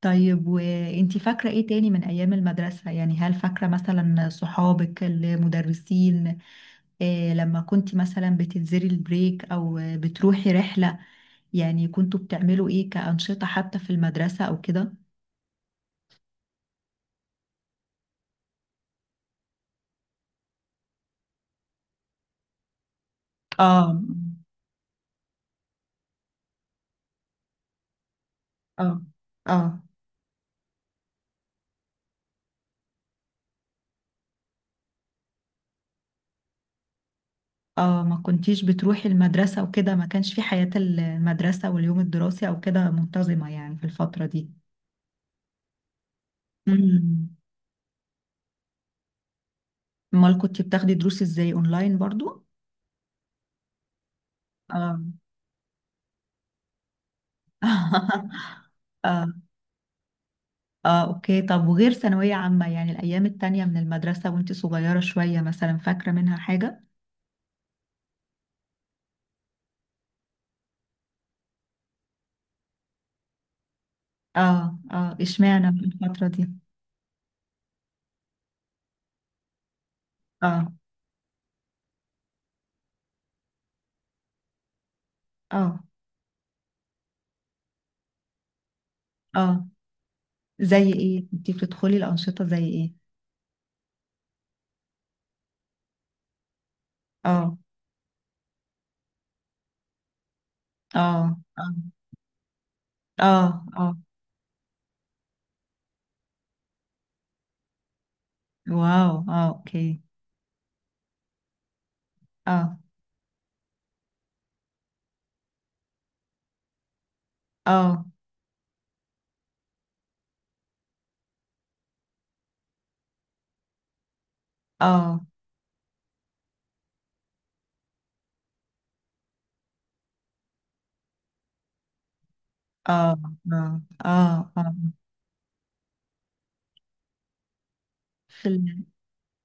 طيب، وانتي فاكرة ايه تاني من ايام المدرسة؟ هل فاكرة مثلا صحابك المدرسين؟ إيه لما كنتي مثلا بتنزلي البريك او بتروحي رحلة؟ يعني كنتوا بتعملوا ايه كأنشطة حتى في المدرسة او كده؟ اه، اه، اه، اه. ما كنتيش بتروحي المدرسة وكده؟ ما كانش في حياة المدرسة واليوم الدراسي او كده منتظمة يعني في الفترة دي؟ امم. امال كنتي بتاخدي دروس ازاي اونلاين برضو؟ اه. اه، اه، اوكي. طب وغير ثانوية عامة، يعني الأيام التانية من المدرسة وانت صغيرة شوية، مثلا فاكرة منها حاجة؟ اه، اه، اشمعنى في الفترة دي؟ اه، اه، اه. زي ايه؟ انت بتدخلي الأنشطة زي ايه؟ اه، اه، اه، اه، اه. واو، اه، اوكي. اه، اه، اه، اه، اه، اه، اه. في ال-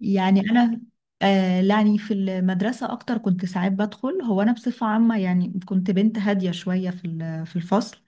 يعني انا، آه، يعني في المدرسه اكتر كنت ساعات بدخل. هو انا بصفه عامه يعني كنت بنت هاديه شويه في الفصل.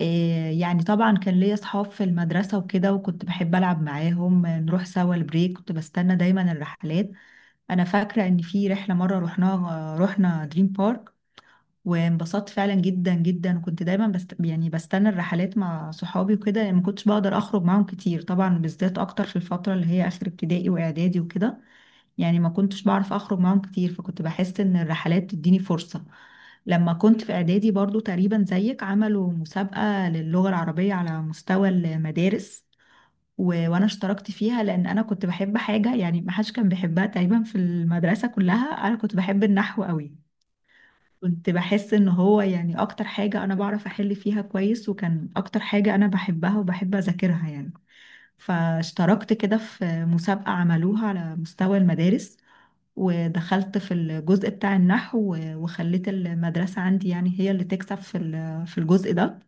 آه، يعني طبعا كان ليا اصحاب في المدرسه وكده، وكنت بحب العب معاهم. آه، نروح سوا البريك، كنت بستنى دايما الرحلات. انا فاكره ان في رحله مره رحناها، رحنا دريم بارك وانبسطت فعلا جدا جدا. وكنت دايما بستنى الرحلات مع صحابي وكده، لأن ما كنتش بقدر اخرج معاهم كتير، طبعا بالذات اكتر في الفتره اللي هي اخر ابتدائي واعدادي وكده. يعني ما كنتش بعرف اخرج معاهم كتير، فكنت بحس ان الرحلات بتديني فرصة. لما كنت في اعدادي برضو تقريبا زيك، عملوا مسابقة للغة العربية على مستوى المدارس، و... وانا اشتركت فيها، لان انا كنت بحب حاجة يعني ما حدش كان بيحبها تقريبا في المدرسة كلها. انا كنت بحب النحو قوي، كنت بحس ان هو يعني اكتر حاجة انا بعرف احل فيها كويس، وكان اكتر حاجة انا بحبها وبحب اذاكرها يعني. فاشتركت كده في مسابقة عملوها على مستوى المدارس، ودخلت في الجزء بتاع النحو وخليت المدرسة عندي يعني هي اللي تكسب في الجزء ده.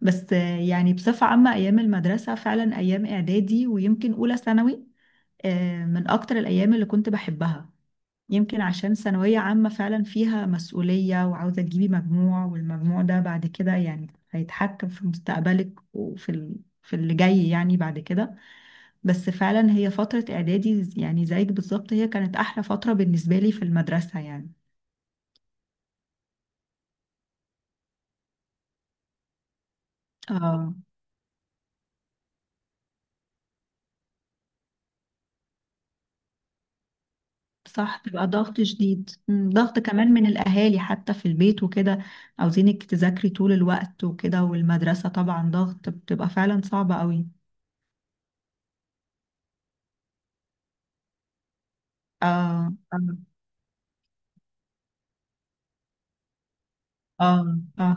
بس آه، يعني بصفة عامة أيام المدرسة فعلا أيام إعدادي ويمكن أولى ثانوي، آه، من أكتر الأيام اللي كنت بحبها. يمكن عشان ثانوية عامة فعلا فيها مسؤولية، وعاوزة تجيبي مجموع، والمجموع ده بعد كده يعني هيتحكم في مستقبلك في اللي جاي يعني بعد كده. بس فعلا هي فترة إعدادي يعني زيك بالظبط، هي كانت أحلى فترة بالنسبة لي في المدرسة يعني. اه، صح، بيبقى ضغط شديد. مم، ضغط كمان من الأهالي حتى في البيت وكده، عاوزينك تذاكري طول الوقت وكده. والمدرسة طبعا ضغط، بتبقى فعلا صعبة قوي. اه، اه، اه، آه.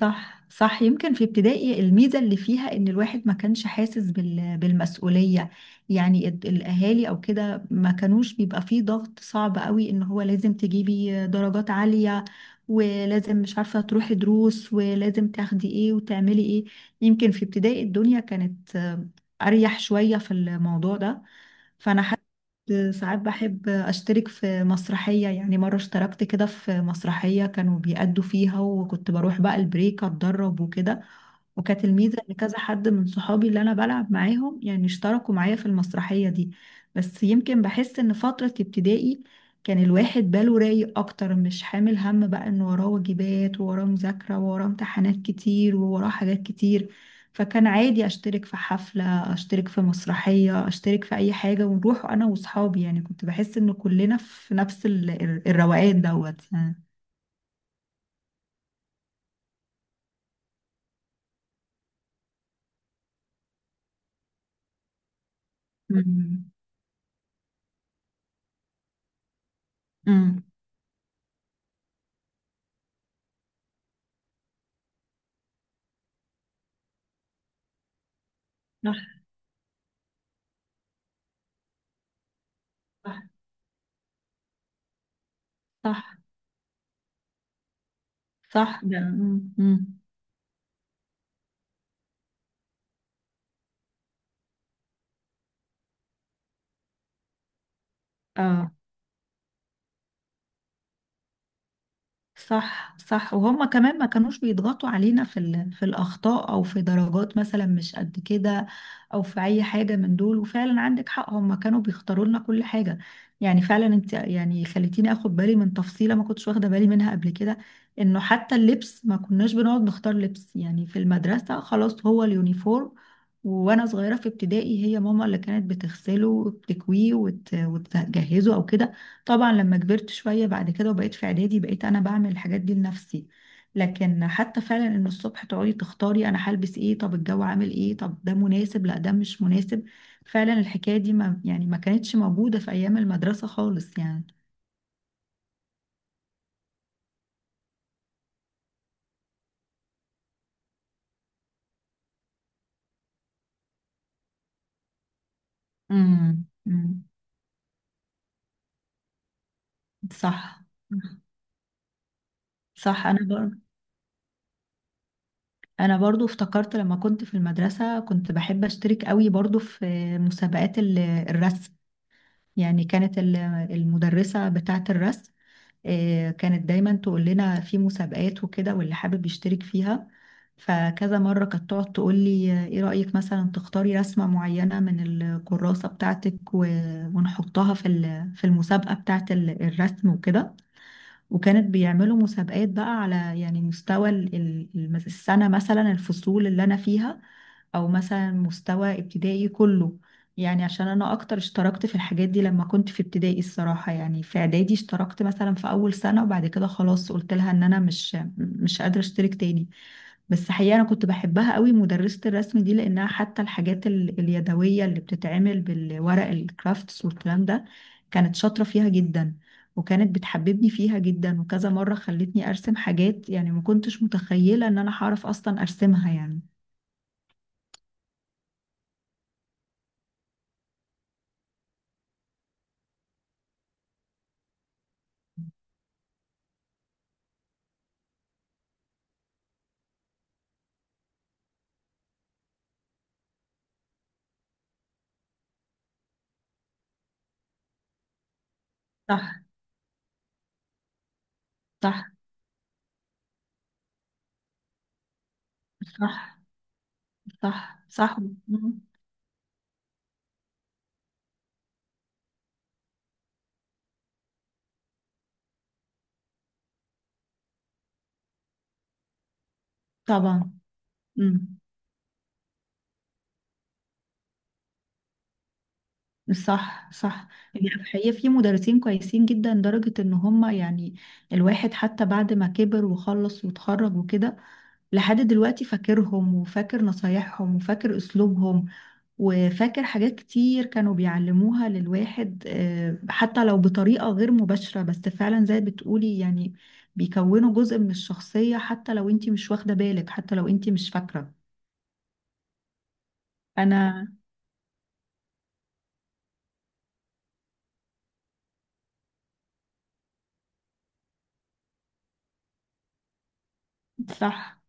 صح، صح. يمكن في ابتدائي الميزة اللي فيها ان الواحد ما كانش حاسس بالمسؤولية. يعني الاهالي او كده ما كانوش بيبقى فيه ضغط صعب قوي ان هو لازم تجيبي درجات عالية، ولازم مش عارفة تروحي دروس، ولازم تاخدي ايه وتعملي ايه. يمكن في ابتدائي الدنيا كانت آه، اريح شوية في الموضوع ده. فانا ساعات بحب أشترك في مسرحية. يعني مرة اشتركت كده في مسرحية كانوا بيأدوا فيها، وكنت بروح بقى البريك أتدرب وكده. وكانت الميزة إن كذا حد من صحابي اللي أنا بلعب معاهم يعني اشتركوا معايا في المسرحية دي. بس يمكن بحس إن فترة ابتدائي كان الواحد باله رايق أكتر، مش حامل هم بقى إن وراه واجبات، ووراه مذاكرة، ووراه امتحانات كتير، ووراه حاجات كتير. فكان عادي أشترك في حفلة، اشترك في مسرحية، اشترك في اي حاجة، ونروح انا واصحابي. يعني كنت بحس ان كلنا في نفس الروقان دوت يعني. امم، امم. صح، صح، صح، صح ده. امم، اه، صح، صح. وهم كمان ما كانوش بيضغطوا علينا في الأخطاء أو في درجات مثلا مش قد كده، أو في أي حاجة من دول. وفعلا عندك حق، هم كانوا بيختاروا لنا كل حاجة. يعني فعلا انت يعني خليتيني اخد بالي من تفصيلة ما كنتش واخدة بالي منها قبل كده. انه حتى اللبس ما كناش بنقعد نختار لبس، يعني في المدرسة خلاص هو اليونيفورم. وانا صغيرة في ابتدائي هي ماما اللي كانت بتغسله وبتكويه وتجهزه او كده. طبعا لما كبرت شوية بعد كده وبقيت في إعدادي، بقيت أنا بعمل الحاجات دي لنفسي. لكن حتى فعلا إن الصبح تقعدي تختاري أنا هلبس إيه، طب الجو عامل إيه، طب ده مناسب لا ده مش مناسب، فعلا الحكاية دي ما يعني ما كانتش موجودة في أيام المدرسة خالص يعني. امم. مم. صح، صح. انا برضو افتكرت لما كنت في المدرسه كنت بحب اشترك قوي برضو في مسابقات الرسم. يعني كانت المدرسه بتاعه الرسم، آه، كانت دايما تقول لنا في مسابقات وكده واللي حابب يشترك فيها. فكذا مرة كانت تقعد تقول لي، آه، ايه رأيك مثلا تختاري رسمة معينة من الكراسة بتاعتك ونحطها في المسابقة بتاعت الرسم وكده. وكانت بيعملوا مسابقات بقى على يعني مستوى السنة، مثلا الفصول اللي أنا فيها، او مثلا مستوى ابتدائي كله. يعني عشان انا اكتر اشتركت في الحاجات دي لما كنت في ابتدائي، الصراحة يعني في اعدادي اشتركت مثلا في اول سنة وبعد كده خلاص قلت لها ان انا مش قادرة اشترك تاني. بس حقيقة انا كنت بحبها قوي مدرسة الرسم دي، لانها حتى الحاجات اليدوية اللي بتتعمل بالورق، الكرافتس والكلام ده، كانت شاطرة فيها جدا. وكانت بتحببني فيها جدا، وكذا مرة خلتني ارسم حاجات يعني ما كنتش متخيلة ان انا هعرف اصلا ارسمها يعني. صح، صح، صح، صح، صح. مم. طبعا. مم. صح، صح. يعني الحقيقة في مدرسين كويسين جدا لدرجة ان هم يعني الواحد حتى بعد ما كبر وخلص واتخرج وكده، لحد دلوقتي فاكرهم، وفاكر نصايحهم، وفاكر اسلوبهم، وفاكر حاجات كتير كانوا بيعلموها للواحد، آه، حتى لو بطريقة غير مباشرة. بس فعلا زي بتقولي يعني، بيكونوا جزء من الشخصية حتى لو انتي مش واخدة بالك، حتى لو انتي مش فاكرة. انا صح،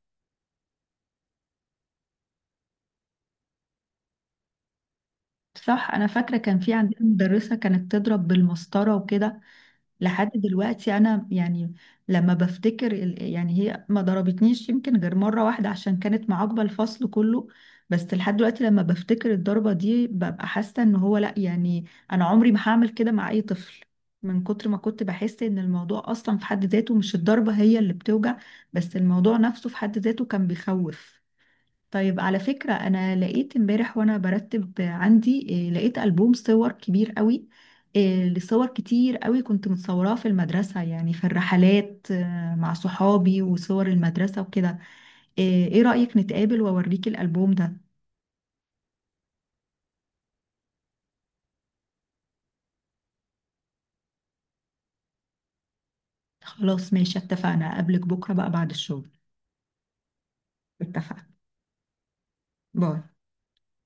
صح. انا فاكره كان في عندنا مدرسه كانت تضرب بالمسطره وكده. لحد دلوقتي انا يعني لما بفتكر يعني هي ما ضربتنيش يمكن غير مره واحده عشان كانت معاقبه الفصل كله. بس لحد دلوقتي لما بفتكر الضربه دي ببقى حاسه ان هو لا يعني، انا عمري ما هعمل كده مع اي طفل. من كتر ما كنت بحس ان الموضوع اصلا في حد ذاته، مش الضربه هي اللي بتوجع، بس الموضوع نفسه في حد ذاته كان بيخوف. طيب على فكرة، أنا لقيت امبارح وأنا برتب عندي، إيه، لقيت ألبوم صور كبير قوي. إيه، لصور كتير قوي كنت متصوراه في المدرسة، يعني في الرحلات، آه، مع صحابي وصور المدرسة وكده. إيه، إيه رأيك نتقابل وأوريك الألبوم ده؟ خلاص، ماشي، اتفقنا، أقابلك بكرة بقى بعد الشغل. اتفقنا. باي.